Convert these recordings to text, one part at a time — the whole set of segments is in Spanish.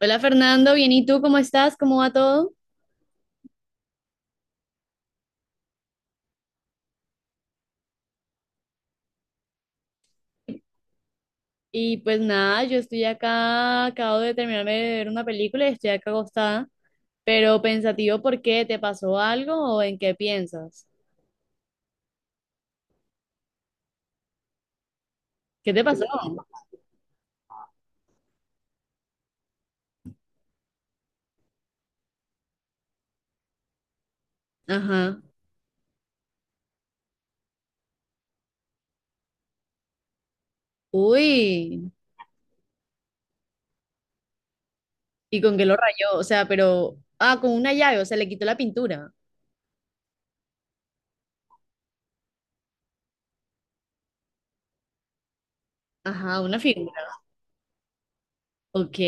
Hola Fernando, bien, ¿y tú cómo estás? ¿Cómo va todo? Y pues nada, yo estoy acá, acabo de terminarme de ver una película y estoy acá acostada, pero pensativo ¿por qué? ¿Te pasó algo o en qué piensas? ¿Qué te pasó? Ajá. Uy, ¿y con qué lo rayó? O sea, pero, ah, con una llave, o sea, le quitó la pintura. Ajá, una figura. Ok,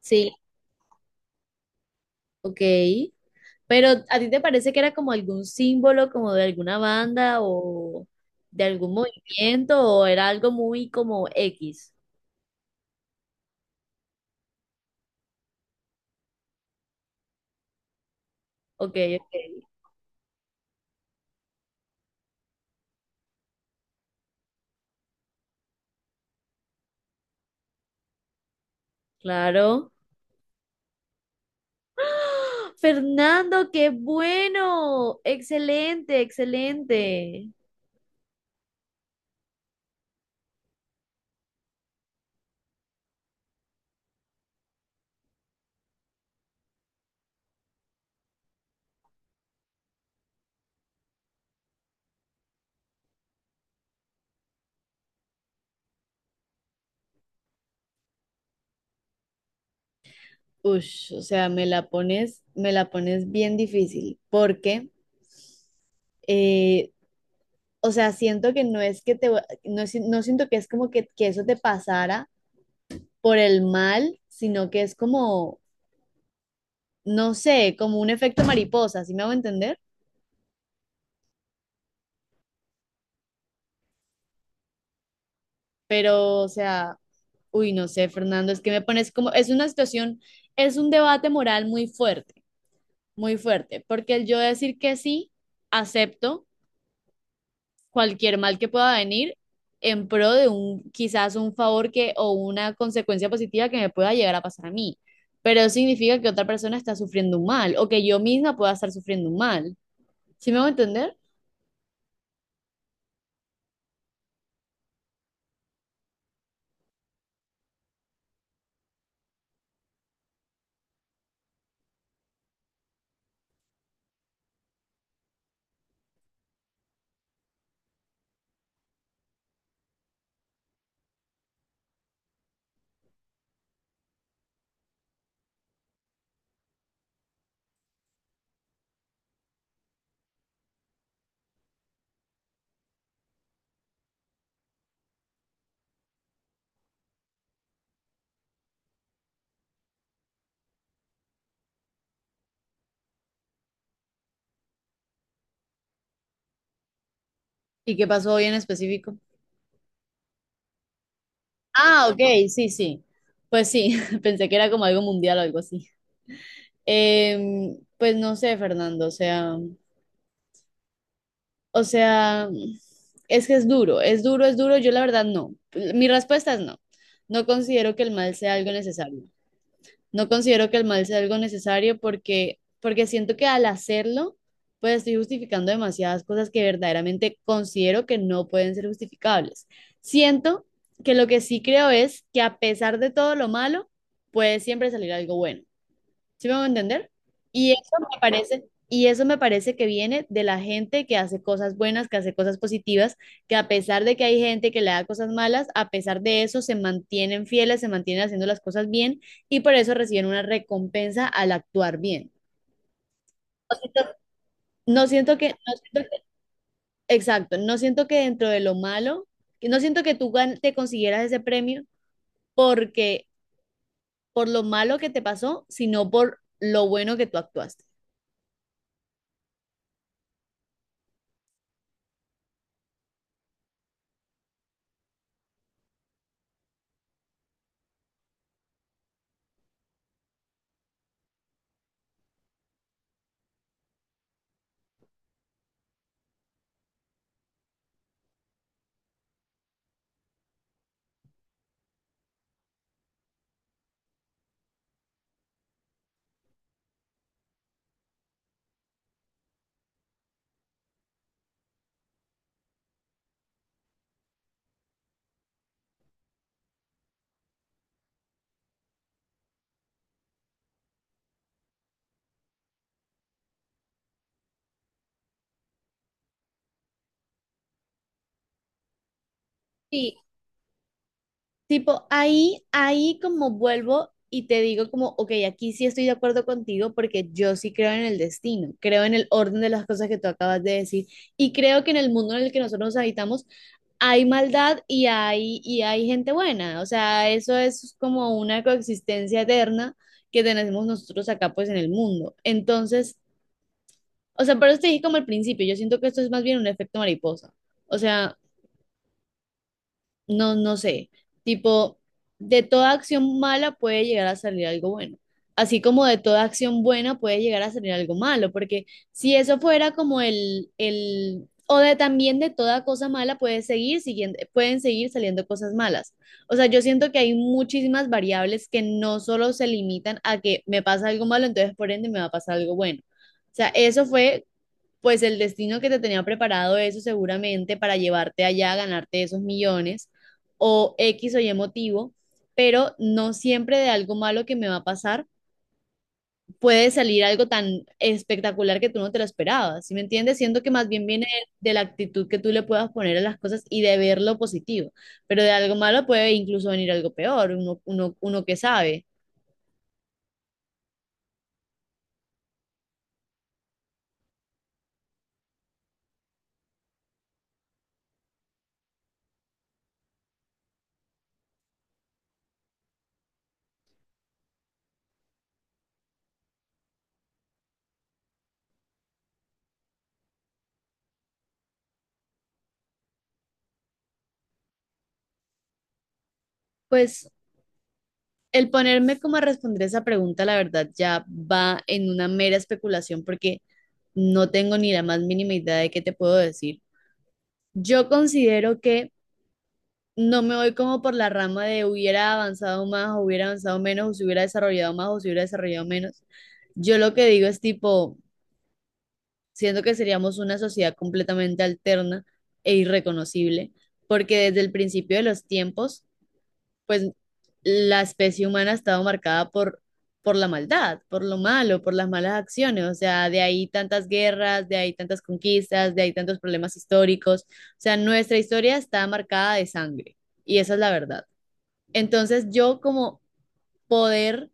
sí, ok. Pero ¿a ti te parece que era como algún símbolo, como de alguna banda o de algún movimiento o era algo muy como X? Ok, ok, claro. ¡Ah! Fernando, qué bueno. Excelente, excelente. Ush, o sea, me la pones bien difícil, porque, eh, o sea, siento que no es que te, va- no, si- no siento que es como que eso te pasara por el mal, sino que es como no sé, como un efecto mariposa, ¿sí me hago entender? Pero, o sea, uy, no sé, Fernando, es que me pones como, es una situación, es un debate moral muy fuerte, porque el yo decir que sí, acepto cualquier mal que pueda venir en pro de un, quizás un favor que, o una consecuencia positiva que me pueda llegar a pasar a mí, pero eso significa que otra persona está sufriendo un mal, o que yo misma pueda estar sufriendo un mal, ¿sí me hago entender? ¿Y qué pasó hoy en específico? Ah, ok, sí, sí. Pues sí, pensé que era como algo mundial o algo así. Pues no sé, Fernando, o sea, es que es duro, es duro, es duro. Yo la verdad no. Mi respuesta es no. No considero que el mal sea algo necesario. No considero que el mal sea algo necesario porque, porque siento que al hacerlo, pues estoy justificando demasiadas cosas que verdaderamente considero que no pueden ser justificables. Siento que lo que sí creo es que a pesar de todo lo malo, puede siempre salir algo bueno. ¿Sí me van a entender? Y eso me parece, y eso me parece que viene de la gente que hace cosas buenas, que hace cosas positivas, que a pesar de que hay gente que le da cosas malas, a pesar de eso se mantienen fieles, se mantienen haciendo las cosas bien y por eso reciben una recompensa al actuar bien. No siento que, no siento que- exacto, no siento que dentro de lo malo, que no siento que tú gan- te consiguieras ese premio porque por lo malo que te pasó, sino por lo bueno que tú actuaste. Sí. Tipo, ahí, ahí como vuelvo y te digo como, ok, aquí sí estoy de acuerdo contigo porque yo sí creo en el destino, creo en el orden de las cosas que tú acabas de decir y creo que en el mundo en el que nosotros nos habitamos hay maldad y hay gente buena, o sea, eso es como una coexistencia eterna que tenemos nosotros acá pues en el mundo. Entonces, o sea, por eso te dije como al principio, yo siento que esto es más bien un efecto mariposa, o sea no, no sé, tipo, de toda acción mala puede llegar a salir algo bueno, así como de toda acción buena puede llegar a salir algo malo, porque si eso fuera como el, o de también de toda cosa mala puede seguir siguiendo, pueden seguir saliendo cosas malas. O sea, yo siento que hay muchísimas variables que no solo se limitan a que me pasa algo malo, entonces por ende me va a pasar algo bueno. O sea, eso fue pues el destino que te tenía preparado eso seguramente para llevarte allá, a ganarte esos millones o X o Y motivo, pero no siempre de algo malo que me va a pasar puede salir algo tan espectacular que tú no te lo esperabas, ¿sí me entiendes? Siento que más bien viene de la actitud que tú le puedas poner a las cosas y de ver lo positivo, pero de algo malo puede incluso venir algo peor, uno, uno, uno que sabe. Pues el ponerme como a responder esa pregunta, la verdad, ya va en una mera especulación porque no tengo ni la más mínima idea de qué te puedo decir. Yo considero que no me voy como por la rama de hubiera avanzado más o hubiera avanzado menos o se hubiera desarrollado más o se hubiera desarrollado menos. Yo lo que digo es tipo, siento que seríamos una sociedad completamente alterna e irreconocible, porque desde el principio de los tiempos pues la especie humana ha estado marcada por la maldad, por lo malo, por las malas acciones. O sea, de ahí tantas guerras, de ahí tantas conquistas, de ahí tantos problemas históricos. O sea, nuestra historia está marcada de sangre y esa es la verdad. Entonces yo como poder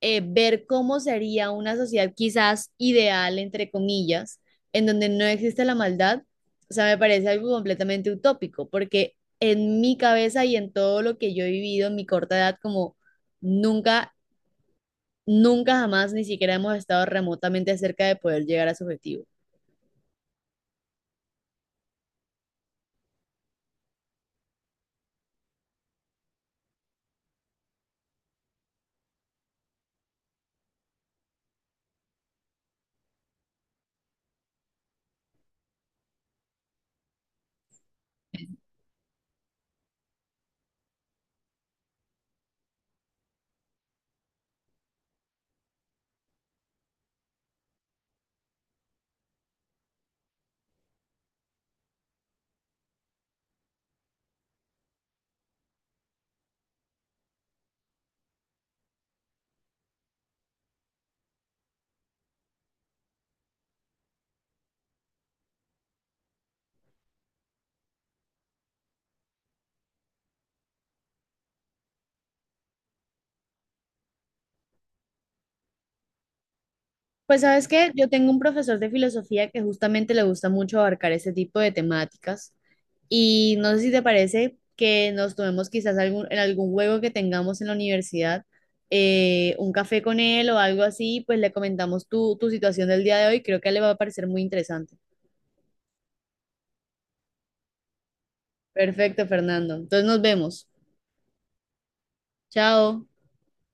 ver cómo sería una sociedad quizás ideal, entre comillas, en donde no existe la maldad, o sea, me parece algo completamente utópico, porque en mi cabeza y en todo lo que yo he vivido en mi corta edad, como nunca, nunca jamás ni siquiera hemos estado remotamente cerca de poder llegar a su objetivo. Pues sabes que yo tengo un profesor de filosofía que justamente le gusta mucho abarcar ese tipo de temáticas. Y no sé si te parece que nos tomemos quizás algún, en algún juego que tengamos en la universidad, un café con él o algo así, pues le comentamos tu, tu situación del día de hoy. Creo que a él le va a parecer muy interesante. Perfecto, Fernando. Entonces nos vemos. Chao.